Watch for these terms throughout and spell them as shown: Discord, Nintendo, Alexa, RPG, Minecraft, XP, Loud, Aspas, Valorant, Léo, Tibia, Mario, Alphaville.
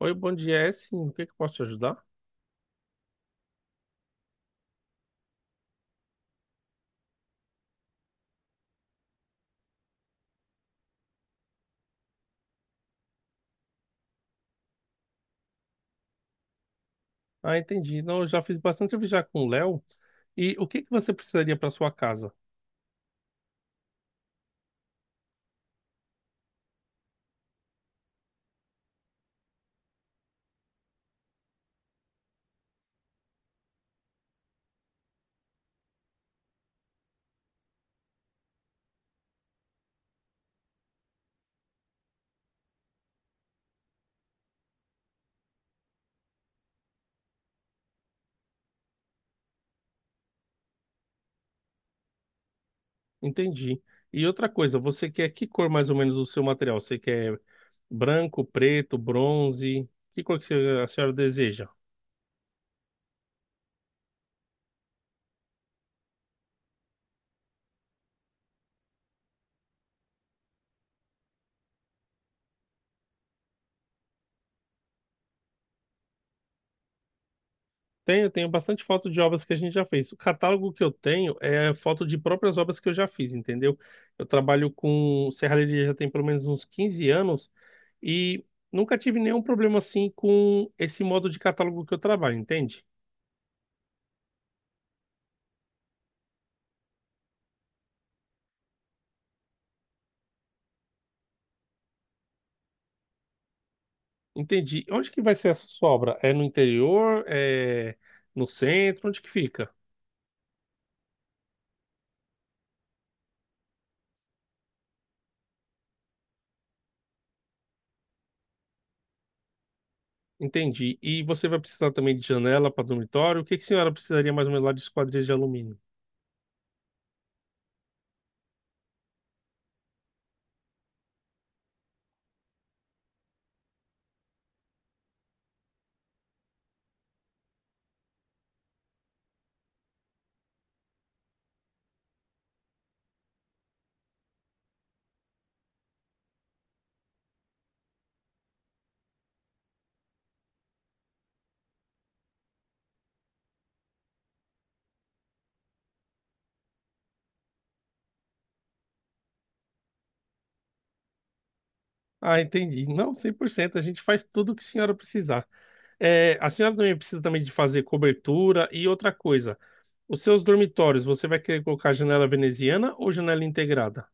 Oi, bom dia, é sim. O que que eu posso te ajudar? Ah, entendi. Não, eu já fiz bastante serviço já com o Léo. E o que que você precisaria para sua casa? Entendi. E outra coisa, você quer que cor mais ou menos o seu material? Você quer branco, preto, bronze? Que cor que a senhora deseja? Tenho bastante foto de obras que a gente já fez. O catálogo que eu tenho é foto de próprias obras que eu já fiz, entendeu? Eu trabalho com serralheria já tem pelo menos uns 15 anos e nunca tive nenhum problema assim com esse modo de catálogo que eu trabalho, entende? Entendi. Onde que vai ser essa sua obra? É no interior? É no centro? Onde que fica? Entendi. E você vai precisar também de janela para dormitório? O que que a senhora precisaria mais ou menos lá de esquadrias de alumínio? Ah, entendi. Não, 100%. A gente faz tudo o que a senhora precisar. É, a senhora também precisa também de fazer cobertura e outra coisa. Os seus dormitórios, você vai querer colocar janela veneziana ou janela integrada?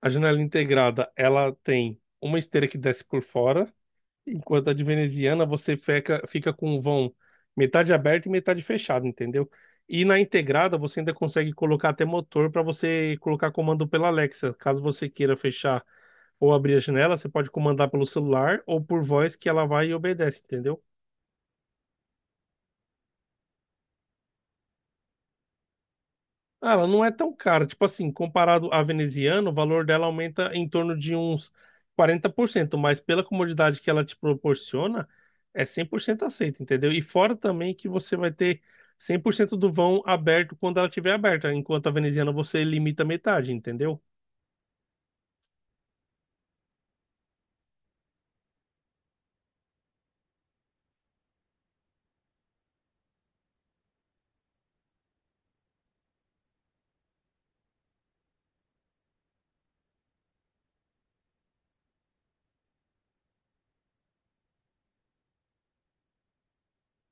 A janela integrada, ela tem uma esteira que desce por fora, enquanto a de veneziana você fica com o vão metade aberto e metade fechado, entendeu? E na integrada você ainda consegue colocar até motor para você colocar comando pela Alexa. Caso você queira fechar ou abrir a janela, você pode comandar pelo celular ou por voz que ela vai e obedece, entendeu? Ah, ela não é tão cara. Tipo assim, comparado à veneziana, o valor dela aumenta em torno de uns 40%, mas pela comodidade que ela te proporciona, é 100% aceito, entendeu? E fora também que você vai ter 100% do vão aberto quando ela estiver aberta, enquanto a veneziana você limita metade, entendeu?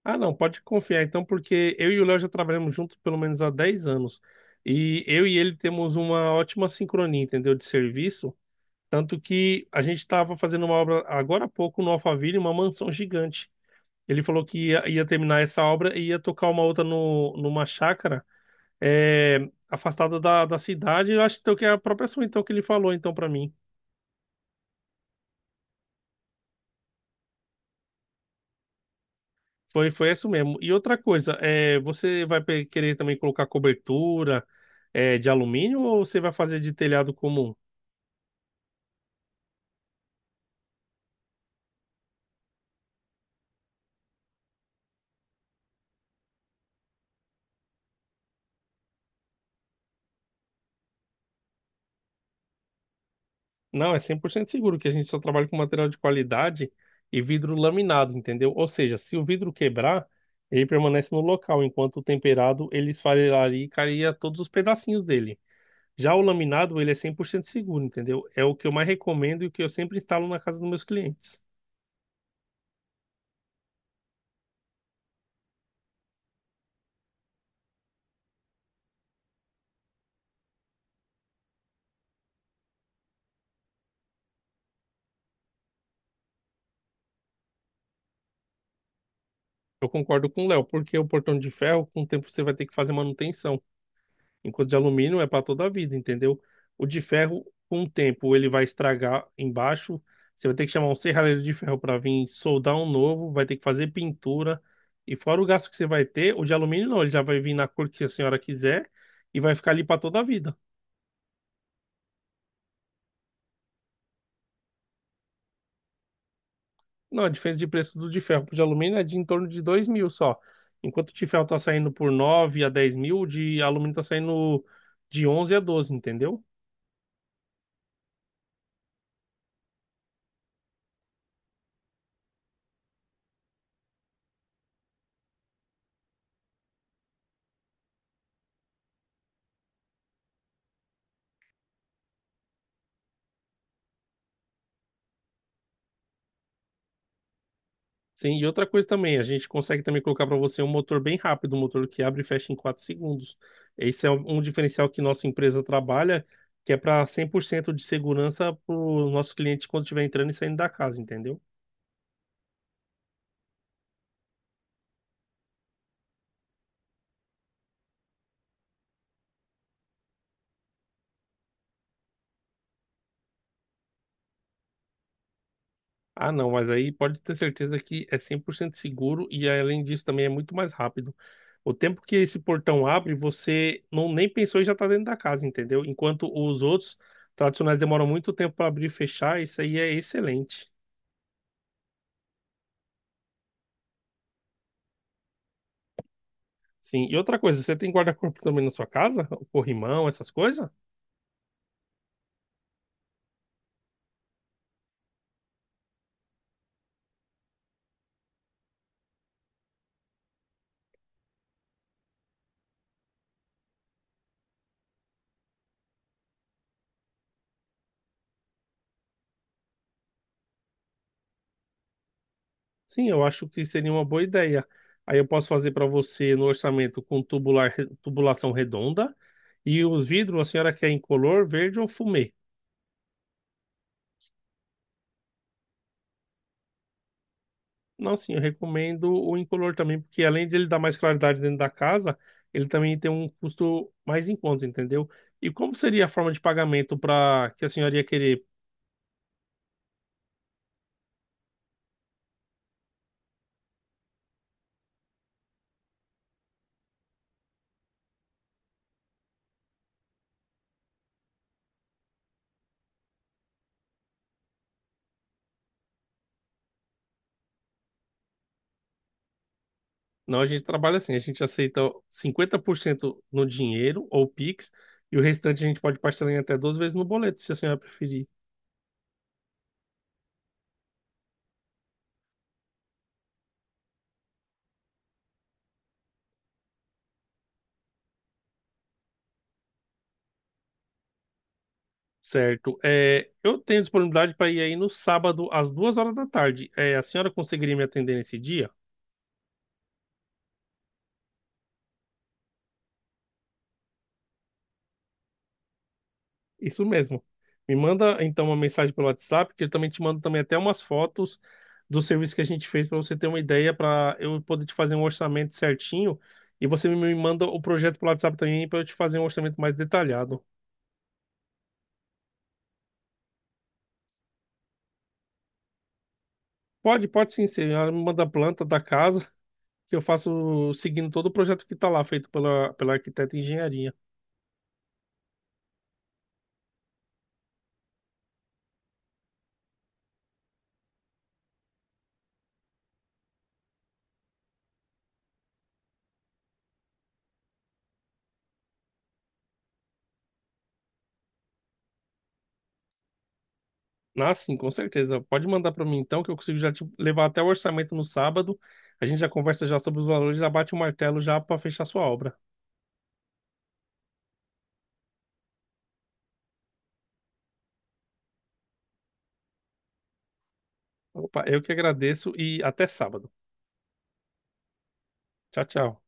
Ah, não, pode confiar então, porque eu e o Léo já trabalhamos juntos pelo menos há 10 anos. E eu e ele temos uma ótima sincronia, entendeu? De serviço. Tanto que a gente estava fazendo uma obra agora há pouco no Alphaville, uma mansão gigante. Ele falou que ia terminar essa obra e ia tocar uma outra no, numa chácara, é, afastada da cidade. Eu acho então, que é a própria ação então, que ele falou então para mim. Foi isso mesmo. E outra coisa, é, você vai querer também colocar cobertura, é, de alumínio ou você vai fazer de telhado comum? Não, é 100% seguro que a gente só trabalha com material de qualidade e vidro laminado, entendeu? Ou seja, se o vidro quebrar, ele permanece no local, enquanto o temperado ele esfarelaria e cairia todos os pedacinhos dele. Já o laminado, ele é 100% seguro, entendeu? É o que eu mais recomendo e o que eu sempre instalo na casa dos meus clientes. Eu concordo com o Léo, porque o portão de ferro, com o tempo você vai ter que fazer manutenção. Enquanto de alumínio é para toda a vida, entendeu? O de ferro, com o tempo, ele vai estragar embaixo. Você vai ter que chamar um serralheiro de ferro para vir soldar um novo, vai ter que fazer pintura. E fora o gasto que você vai ter, o de alumínio não, ele já vai vir na cor que a senhora quiser e vai ficar ali para toda a vida. Não, a diferença de preço do de ferro pro de alumínio é de em torno de 2 mil só. Enquanto o de ferro está saindo por 9 a 10 mil, o de alumínio está saindo de 11 a 12, entendeu? Sim, e outra coisa também, a gente consegue também colocar para você um motor bem rápido, um motor que abre e fecha em 4 segundos. Esse é um diferencial que nossa empresa trabalha, que é para 100% de segurança para o nosso cliente quando estiver entrando e saindo da casa, entendeu? Ah, não, mas aí pode ter certeza que é 100% seguro e além disso também é muito mais rápido. O tempo que esse portão abre, você não nem pensou e já está dentro da casa, entendeu? Enquanto os outros tradicionais demoram muito tempo para abrir e fechar, isso aí é excelente. Sim. E outra coisa, você tem guarda-corpo também na sua casa? O corrimão, essas coisas? Sim, eu acho que seria uma boa ideia. Aí eu posso fazer para você no orçamento com tubular, tubulação redonda e os vidros, a senhora quer incolor, verde ou fumê? Não, sim, eu recomendo o incolor também, porque além de ele dar mais claridade dentro da casa, ele também tem um custo mais em conta, entendeu? E como seria a forma de pagamento para que a senhora ia querer? Não, a gente trabalha assim, a gente aceita 50% no dinheiro ou Pix, e o restante a gente pode parcelar em até 12 vezes no boleto, se a senhora preferir. Certo. É, eu tenho disponibilidade para ir aí no sábado, às 2 horas da tarde. É, a senhora conseguiria me atender nesse dia? Isso mesmo. Me manda então uma mensagem pelo WhatsApp, que eu também te mando também até umas fotos do serviço que a gente fez para você ter uma ideia, para eu poder te fazer um orçamento certinho. E você me manda o projeto pelo WhatsApp também para eu te fazer um orçamento mais detalhado. Pode, pode sim, sim. Ela me manda a planta da casa, que eu faço seguindo todo o projeto que está lá, feito pela arquiteta e engenharia. Ah, sim, com certeza. Pode mandar para mim então, que eu consigo já te levar até o orçamento no sábado. A gente já conversa já sobre os valores, já bate o martelo já para fechar sua obra. Opa, eu que agradeço e até sábado. Tchau, tchau.